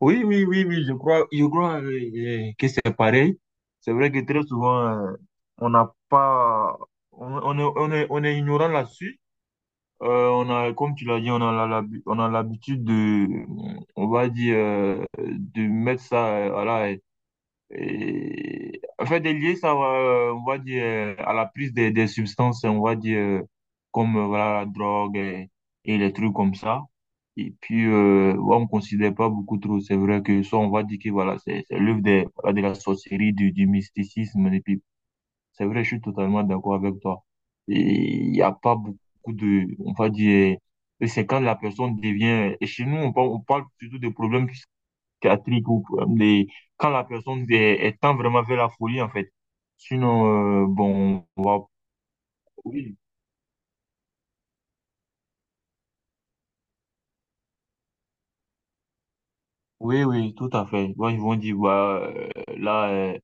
Oui, oui, oui, oui, je crois que c'est pareil. C'est vrai que très souvent, on n'a pas, on est ignorant là-dessus. On a, comme tu l'as dit, on a on a l'habitude de, on va dire, de mettre ça, voilà, et, en fait, des liés, ça va, on va dire, à la prise des substances, on va dire, comme voilà, la drogue et les trucs comme ça. Et puis, ouais, on ne considère pas beaucoup trop. C'est vrai que ça, on va dire que voilà, c'est l'œuvre des- voilà, de la sorcellerie, du mysticisme. Et puis, c'est vrai, je suis totalement d'accord avec toi. Et il n'y a pas beaucoup de, on va dire, et c'est quand la personne devient, et chez nous, on parle surtout de problèmes psychiatrique ou problème quand la personne est tend vraiment vers la folie, en fait. Sinon, bon, on va... Oui, oui, oui, tout à fait. Bon, ils vont dire, bah, là,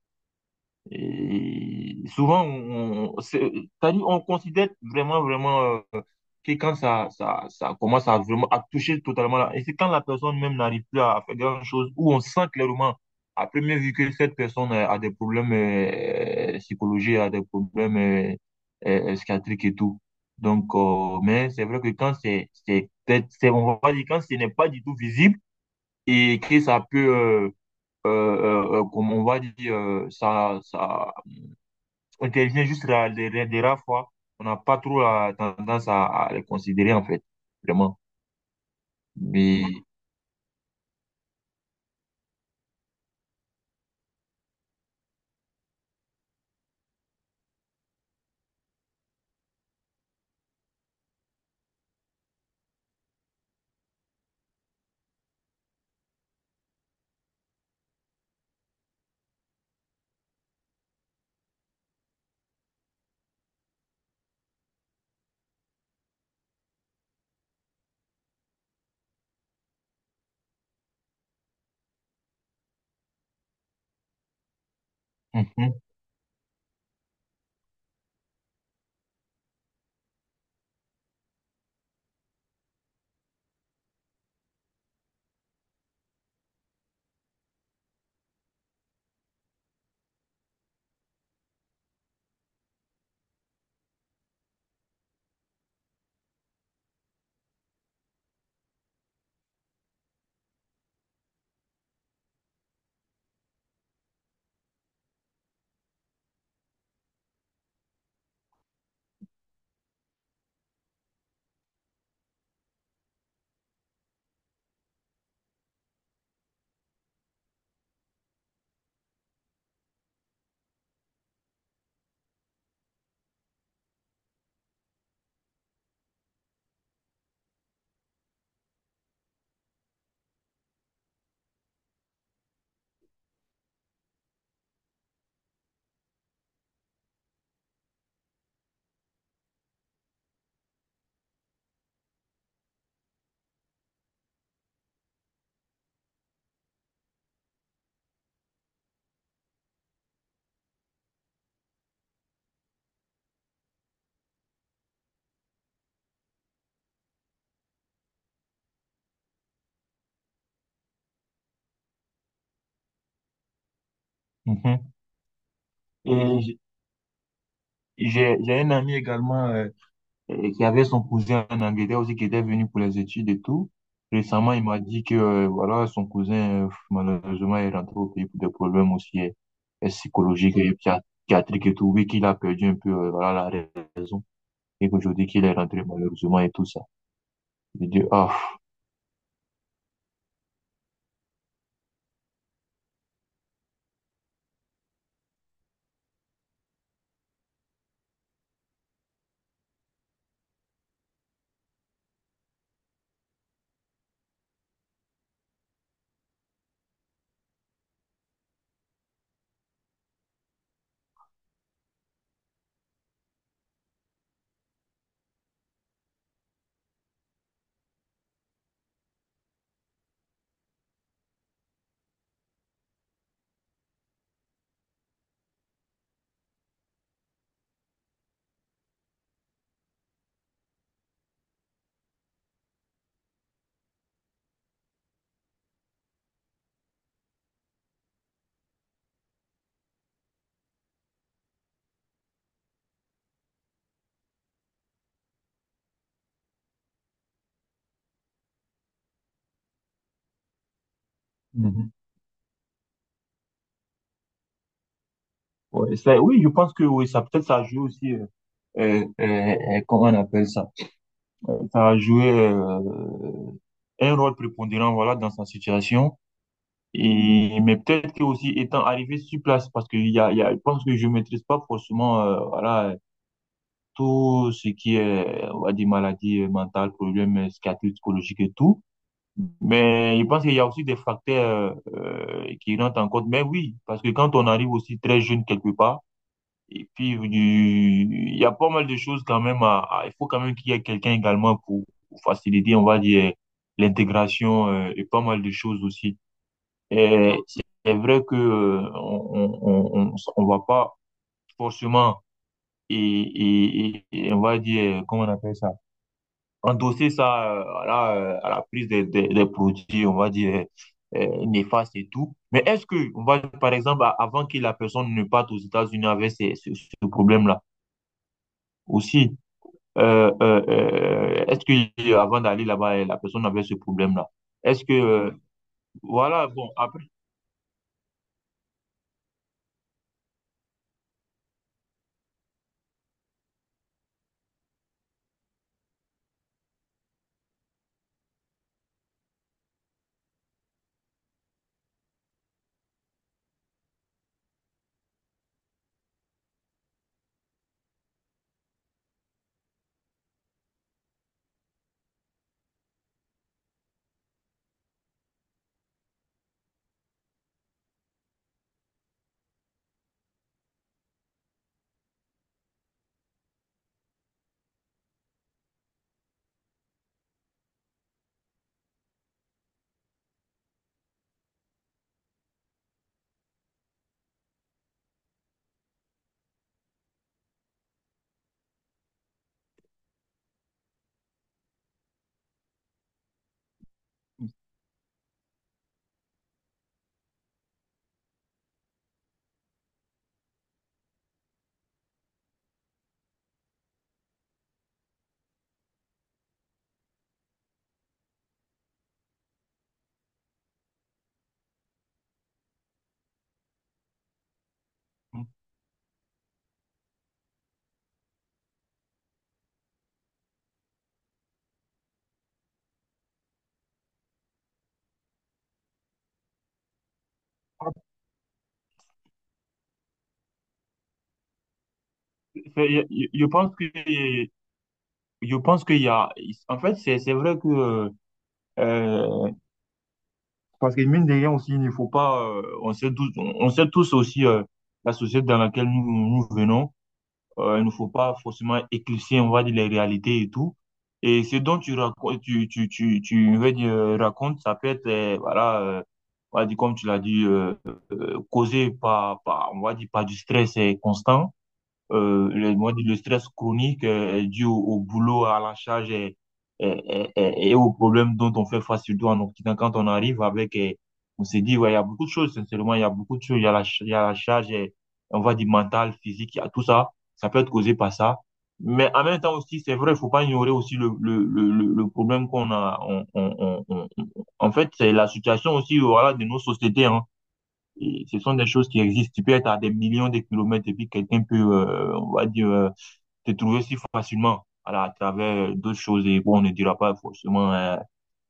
et souvent, on- c'est- c'est-à-dire, on considère vraiment que quand ça commence à vraiment à toucher totalement là. Et c'est quand la personne même n'arrive plus à faire grand-chose, où on sent clairement, à première vue, que cette personne a des problèmes psychologiques, a des problèmes psychiatriques et tout. Donc, mais c'est vrai que quand peut-être- c'est, on va dire, quand ce n'est pas du tout visible et que ça peut, comme on va dire, on intervient juste la- les rares fois. On n'a pas trop la tendance à les considérer, en fait, vraiment. Mais, mhm, mhm. Et j'- j'ai un ami également qui avait son cousin en Angleterre aussi, qui était venu pour les études et tout. Récemment, il m'a dit que voilà, son cousin, malheureusement, est rentré au pays pour des problèmes aussi psychologiques et psychiat- psychiatriques et tout. Oui, qu'il a perdu un peu voilà, la raison. Et qu'aujourd'hui, qu'il est rentré malheureusement et tout ça. J'ai dit, ah. Ouais, ça- oui, je pense que oui, ça peut-être ça a joué aussi, comment on appelle ça? Ça a joué un rôle prépondérant voilà, dans sa situation. Et, mais peut-être que aussi étant arrivé sur place, parce que il y a, je pense que je maîtrise pas forcément voilà, tout ce qui est on va dire, maladie mentale, problèmes psychiatriques, psychologiques et tout. Mais je pense qu'il y a aussi des facteurs qui rentrent en compte. Mais oui, parce que quand on arrive aussi très jeune quelque part, et puis, du- il y a pas mal de choses quand même à- il faut quand même qu'il y ait quelqu'un également pour faciliter, on va dire, l'intégration et pas mal de choses aussi. Et c'est vrai que on va pas forcément et on va dire, comment on appelle ça, endosser ça à la prise des produits, on va dire, néfastes et tout. Mais est-ce que, on va, par exemple, a- avant que la personne ne parte aux États-Unis avec ces- ce problème-là aussi, est-ce que avant d'aller là-bas, la personne avait ce problème-là? Est-ce que, voilà, bon, après, je, je pense que, je pense qu'il y a, en fait, c'est vrai que, euh, parce que mine de rien aussi, il ne faut pas, on sait tous aussi la société dans laquelle nous, nous venons. Il ne faut pas forcément éclipser, on va dire, les réalités et tout. Et ce dont tu racontes, tu veux dire, racontes, ça peut être, voilà, on va dire, comme tu l'as dit, causé par, on va dire, par du stress constant le, moi, le stress chronique est dû au boulot, à la charge et, et aux problèmes dont on fait face, surtout en Occident. Quand on arrive avec, on s'est dit, ouais, il y a beaucoup de choses, sincèrement, il y a beaucoup de choses. Il y a la, ch- il y a la charge, et, on va dire mentale, physique, il y a tout ça. Ça peut être causé par ça. Mais en même temps aussi, c'est vrai, il faut pas ignorer aussi le problème qu'on a. On- en fait, c'est la situation aussi, voilà, de nos sociétés, hein. Et ce sont des choses qui existent. Tu peux être à des millions de kilomètres et puis quelqu'un peut, on va dire, te trouver si facilement voilà, à travers d'autres choses. Et bon, on ne dira pas forcément euh,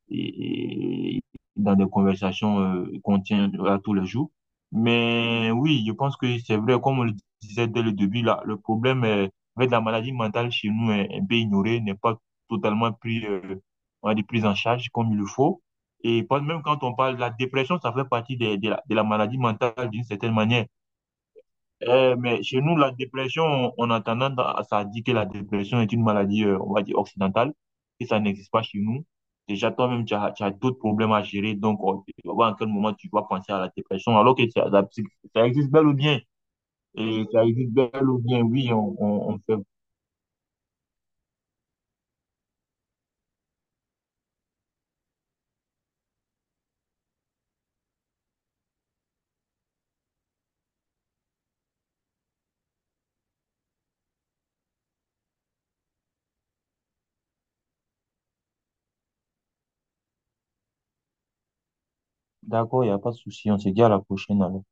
et, et dans des conversations qu'on tient à tous les jours. Mais oui, je pense que c'est vrai, comme on le disait dès le début, là, le problème avec la maladie mentale chez nous est un peu ignoré, n'est pas totalement pris, on va dire, pris en charge comme il le faut. Et pas- même quand on parle de la dépression, ça fait partie des- de la maladie mentale d'une certaine manière. Mais chez nous, la dépression, on a tendance à, ça dit que la dépression est une maladie, on va dire, occidentale, et ça n'existe pas chez nous. Déjà, toi-même, tu as d'autres problèmes à gérer, donc on tu vas voir à quel moment tu vas penser à la dépression, alors que ça, la psy- ça existe bel ou bien. Et ça existe bel ou bien, oui, on fait. D'accord, il n'y a pas de souci, on se dit à la prochaine alors.